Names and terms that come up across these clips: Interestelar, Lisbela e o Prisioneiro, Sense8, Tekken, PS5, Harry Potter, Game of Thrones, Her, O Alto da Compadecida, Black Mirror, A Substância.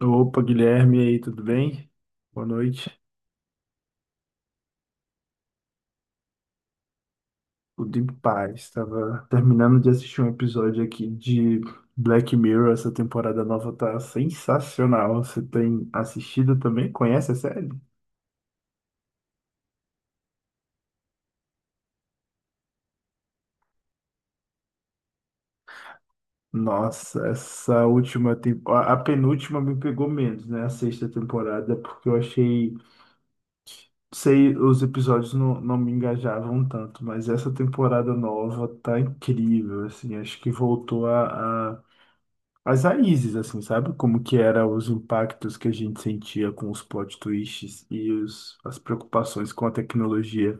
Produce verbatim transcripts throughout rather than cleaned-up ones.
Opa, Guilherme, e aí, tudo bem? Boa noite. Tudo em paz. Estava terminando de assistir um episódio aqui de Black Mirror. Essa temporada nova tá sensacional. Você tem assistido também? Conhece a série? Nossa, essa última temporada, a penúltima me pegou menos, né? A sexta temporada, porque eu achei, sei, os episódios não, não me engajavam tanto, mas essa temporada nova tá incrível, assim, acho que voltou a, a as raízes, assim, sabe? Como que era os impactos que a gente sentia com os plot twists e os, as preocupações com a tecnologia,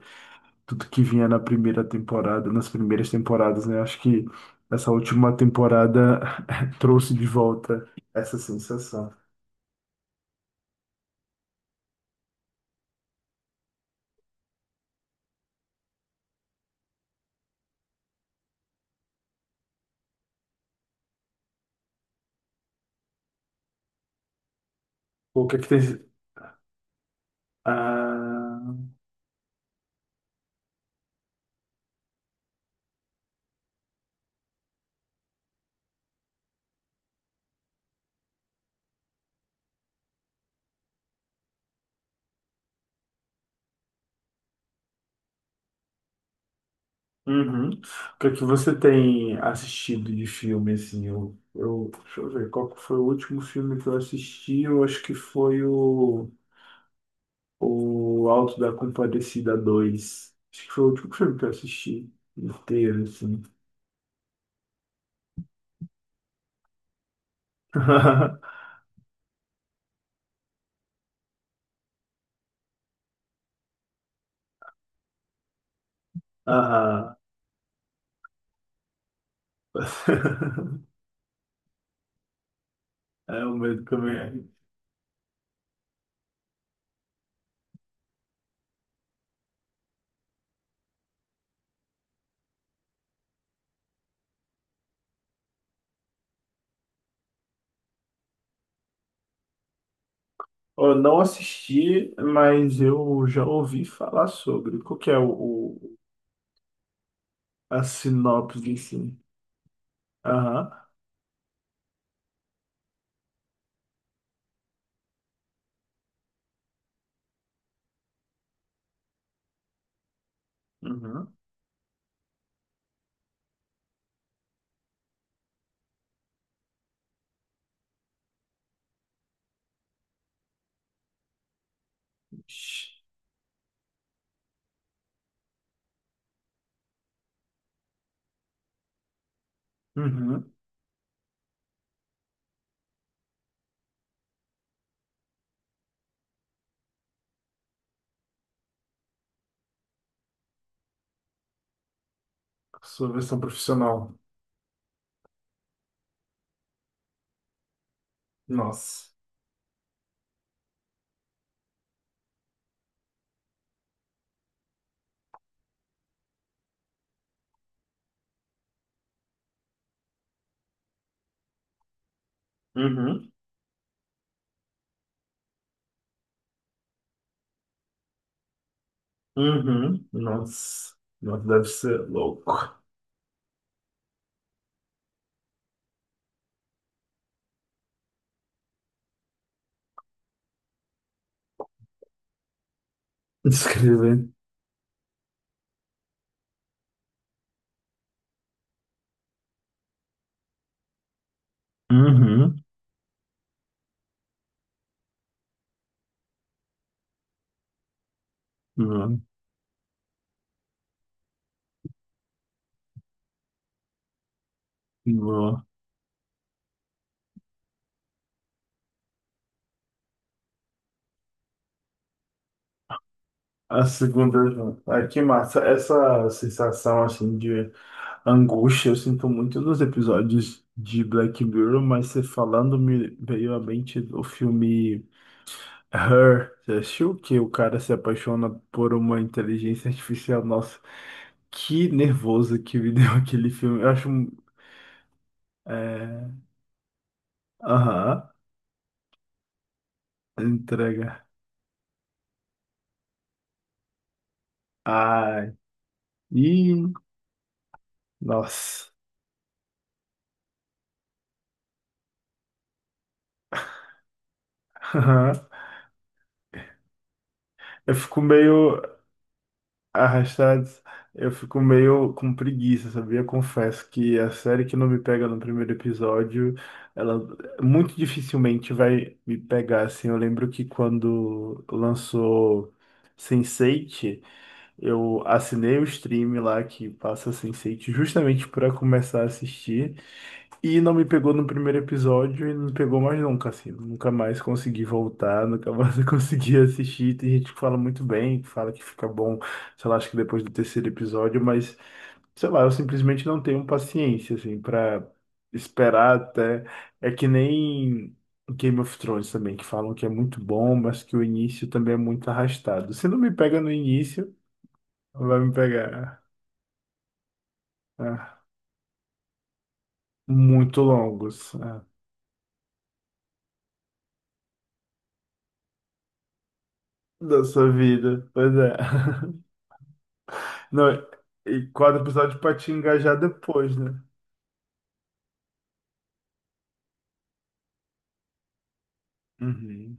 tudo que vinha na primeira temporada, nas primeiras temporadas, né? Acho que essa última temporada trouxe de volta essa sensação. O que é que tem... Ah, uhum. O que é que você tem assistido de filme, assim? Eu, eu, deixa eu ver, qual que foi o último filme que eu assisti? Eu acho que foi o... O Alto da Compadecida dois. Acho que foi o último filme que eu assisti inteiro, assim. Ah, é o medo que eu me... Eu não assisti, mas eu já ouvi falar sobre. Qual que é o, o- a sinopse, assim? Aham. Uhum. Uhum. Sua versão profissional. Nossa. Uhum. Uhum. Nossa. Nossa, deve ser louco. Descrever. Uhum. Boa. A segunda junto. Que massa. Essa sensação, assim, de angústia eu sinto muito nos episódios de Black Mirror, mas você falando me veio à mente o filme Her. Você assistiu que o cara se apaixona por uma inteligência artificial? Nossa, que nervoso que me deu aquele filme. Eu acho... um- É... Aham. Entrega. Ai. Ih, nossa. Eu fico meio. Arrastados, eu fico meio com preguiça, sabia? Confesso que a série que não me pega no primeiro episódio, ela muito dificilmente vai me pegar, assim. Eu lembro que quando lançou sense eight, eu assinei o stream lá que passa sense eight justamente para começar a assistir. E não me pegou no primeiro episódio e não pegou mais nunca, assim. Nunca mais consegui voltar, nunca mais consegui assistir. Tem gente que fala muito bem, que fala que fica bom, sei lá, acho que depois do terceiro episódio, mas, sei lá, eu simplesmente não tenho paciência, assim, pra esperar até. É que nem Game of Thrones também, que falam que é muito bom, mas que o início também é muito arrastado. Se não me pega no início, vai me pegar, ah, muito longos, ah, da sua vida. Pois é. Não, e quadro episódio pra te engajar depois, né? Uhum.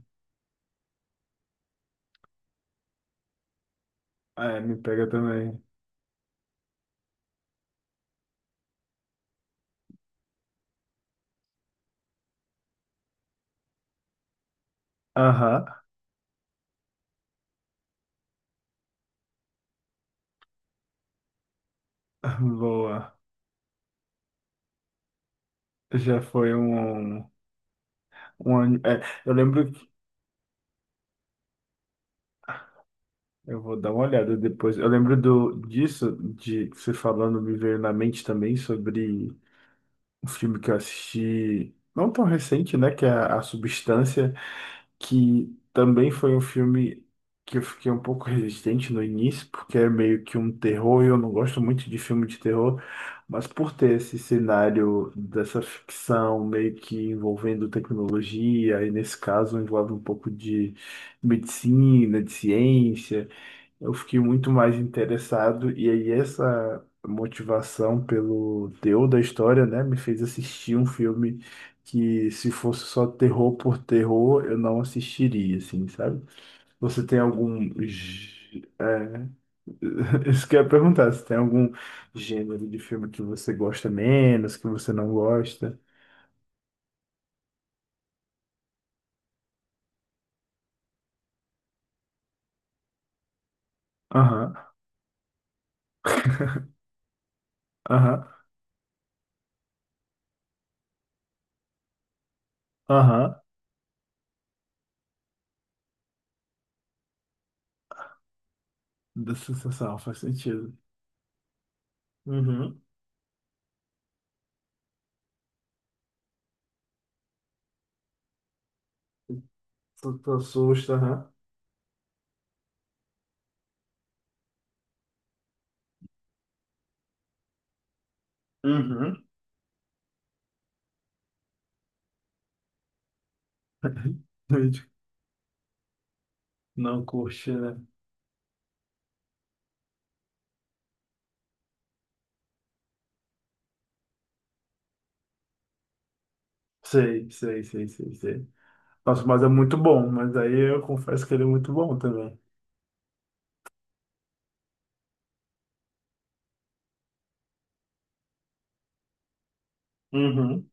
Ah, é, me pega também. Aham, boa. Já foi um, um an- é, eu lembro, que- eu vou dar uma olhada depois. Eu lembro do, disso, de você falando, me veio na mente também sobre um filme que eu assisti, não tão recente, né? Que é A Substância. Que também foi um filme que eu fiquei um pouco resistente no início, porque é meio que um terror, e eu não gosto muito de filme de terror, mas por ter esse cenário dessa ficção meio que envolvendo tecnologia, e nesse caso envolve um pouco de medicina, de ciência, eu fiquei muito mais interessado, e aí essa motivação pelo teor da história, né, me fez assistir um filme que, se fosse só terror por terror, eu não assistiria, assim, sabe? Você tem algum. Gê- É... Isso que eu ia perguntar, se tem algum gênero de filme que você gosta menos, que você não gosta? Aham, aham, aham, da sensação, faz sentido. Uhum, tu tu assusta, aham. Uhum. Não curte, né? Sei, sei, sei, sei, sei. Nossa, mas é muito bom, mas aí eu confesso que ele é muito bom também. Uhum.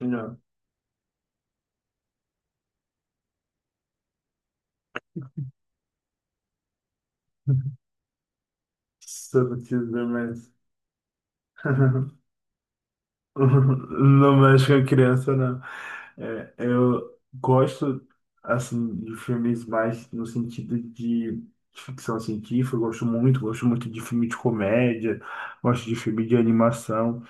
Não. Se eu não quiser mais. Não mexe com a criança, não. É, eu gosto, assim, de filmes mais no sentido de, de ficção científica. Eu gosto muito, gosto muito de filme de comédia, gosto de filme de animação.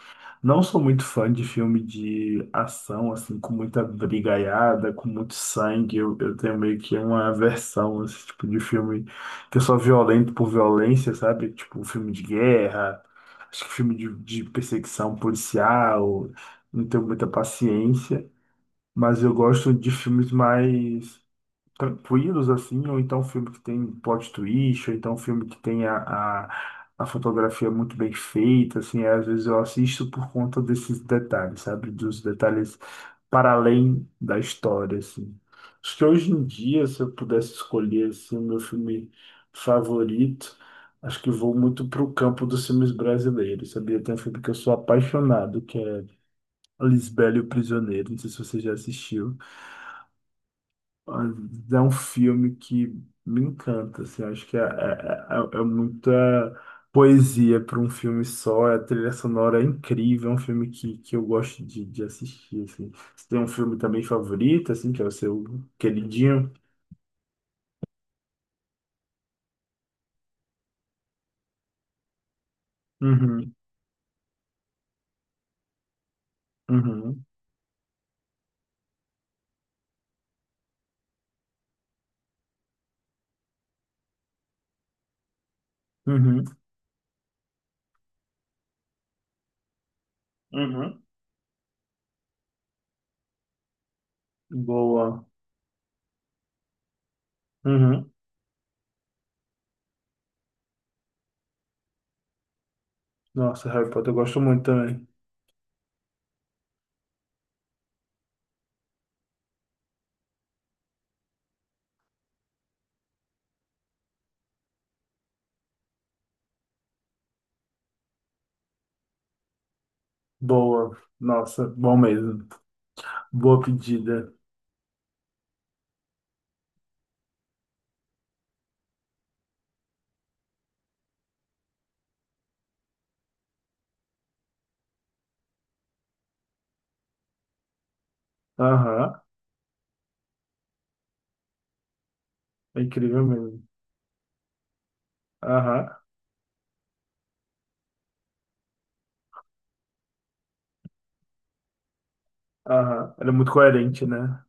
Não sou muito fã de filme de ação, assim, com muita brigaiada, com muito sangue. Eu, eu tenho meio que uma aversão a esse tipo de filme que é só violento por violência, sabe? Tipo, filme de guerra, acho que filme de, de perseguição policial. Não tenho muita paciência, mas eu gosto de filmes mais tranquilos, assim, ou então um filme que tem plot twist, ou então um filme que tem a, a, a fotografia muito bem feita, assim, é, às vezes eu assisto por conta desses detalhes, sabe? Dos detalhes para além da história, assim. Acho que hoje em dia, se eu pudesse escolher, assim, o meu filme favorito, acho que vou muito para o campo dos filmes brasileiros, sabia? Tem um filme que eu sou apaixonado, que é Lisbela e o Prisioneiro, não sei se você já assistiu. Mas é um filme que me encanta, assim, acho que é, é, é, é é muita poesia para um filme só, a trilha sonora é incrível, é um filme que, que eu gosto de, de assistir, assim. Você tem um filme também favorito, assim, que é o seu queridinho? Uhum, uhum, uhum, uhum. Boa. Uhum. Nossa, Harry Potter eu gosto muito também. Boa. Nossa, bom mesmo. Boa pedida. Aham, é incrível mesmo. Aham. Aham, era muito coerente, né?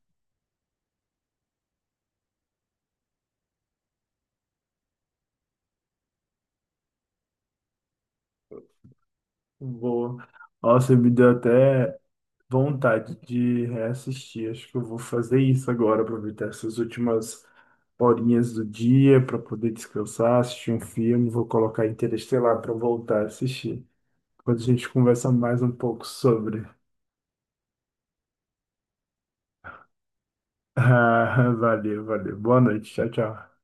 Boa. Nossa, me deu até vontade de reassistir. Acho que eu vou fazer isso agora, aproveitar essas últimas horinhas do dia para poder descansar, assistir um filme. Vou colocar Interestelar para voltar a assistir. Depois a gente conversa mais um pouco sobre. Ah, valeu, valeu. Boa noite. Tchau, tchau.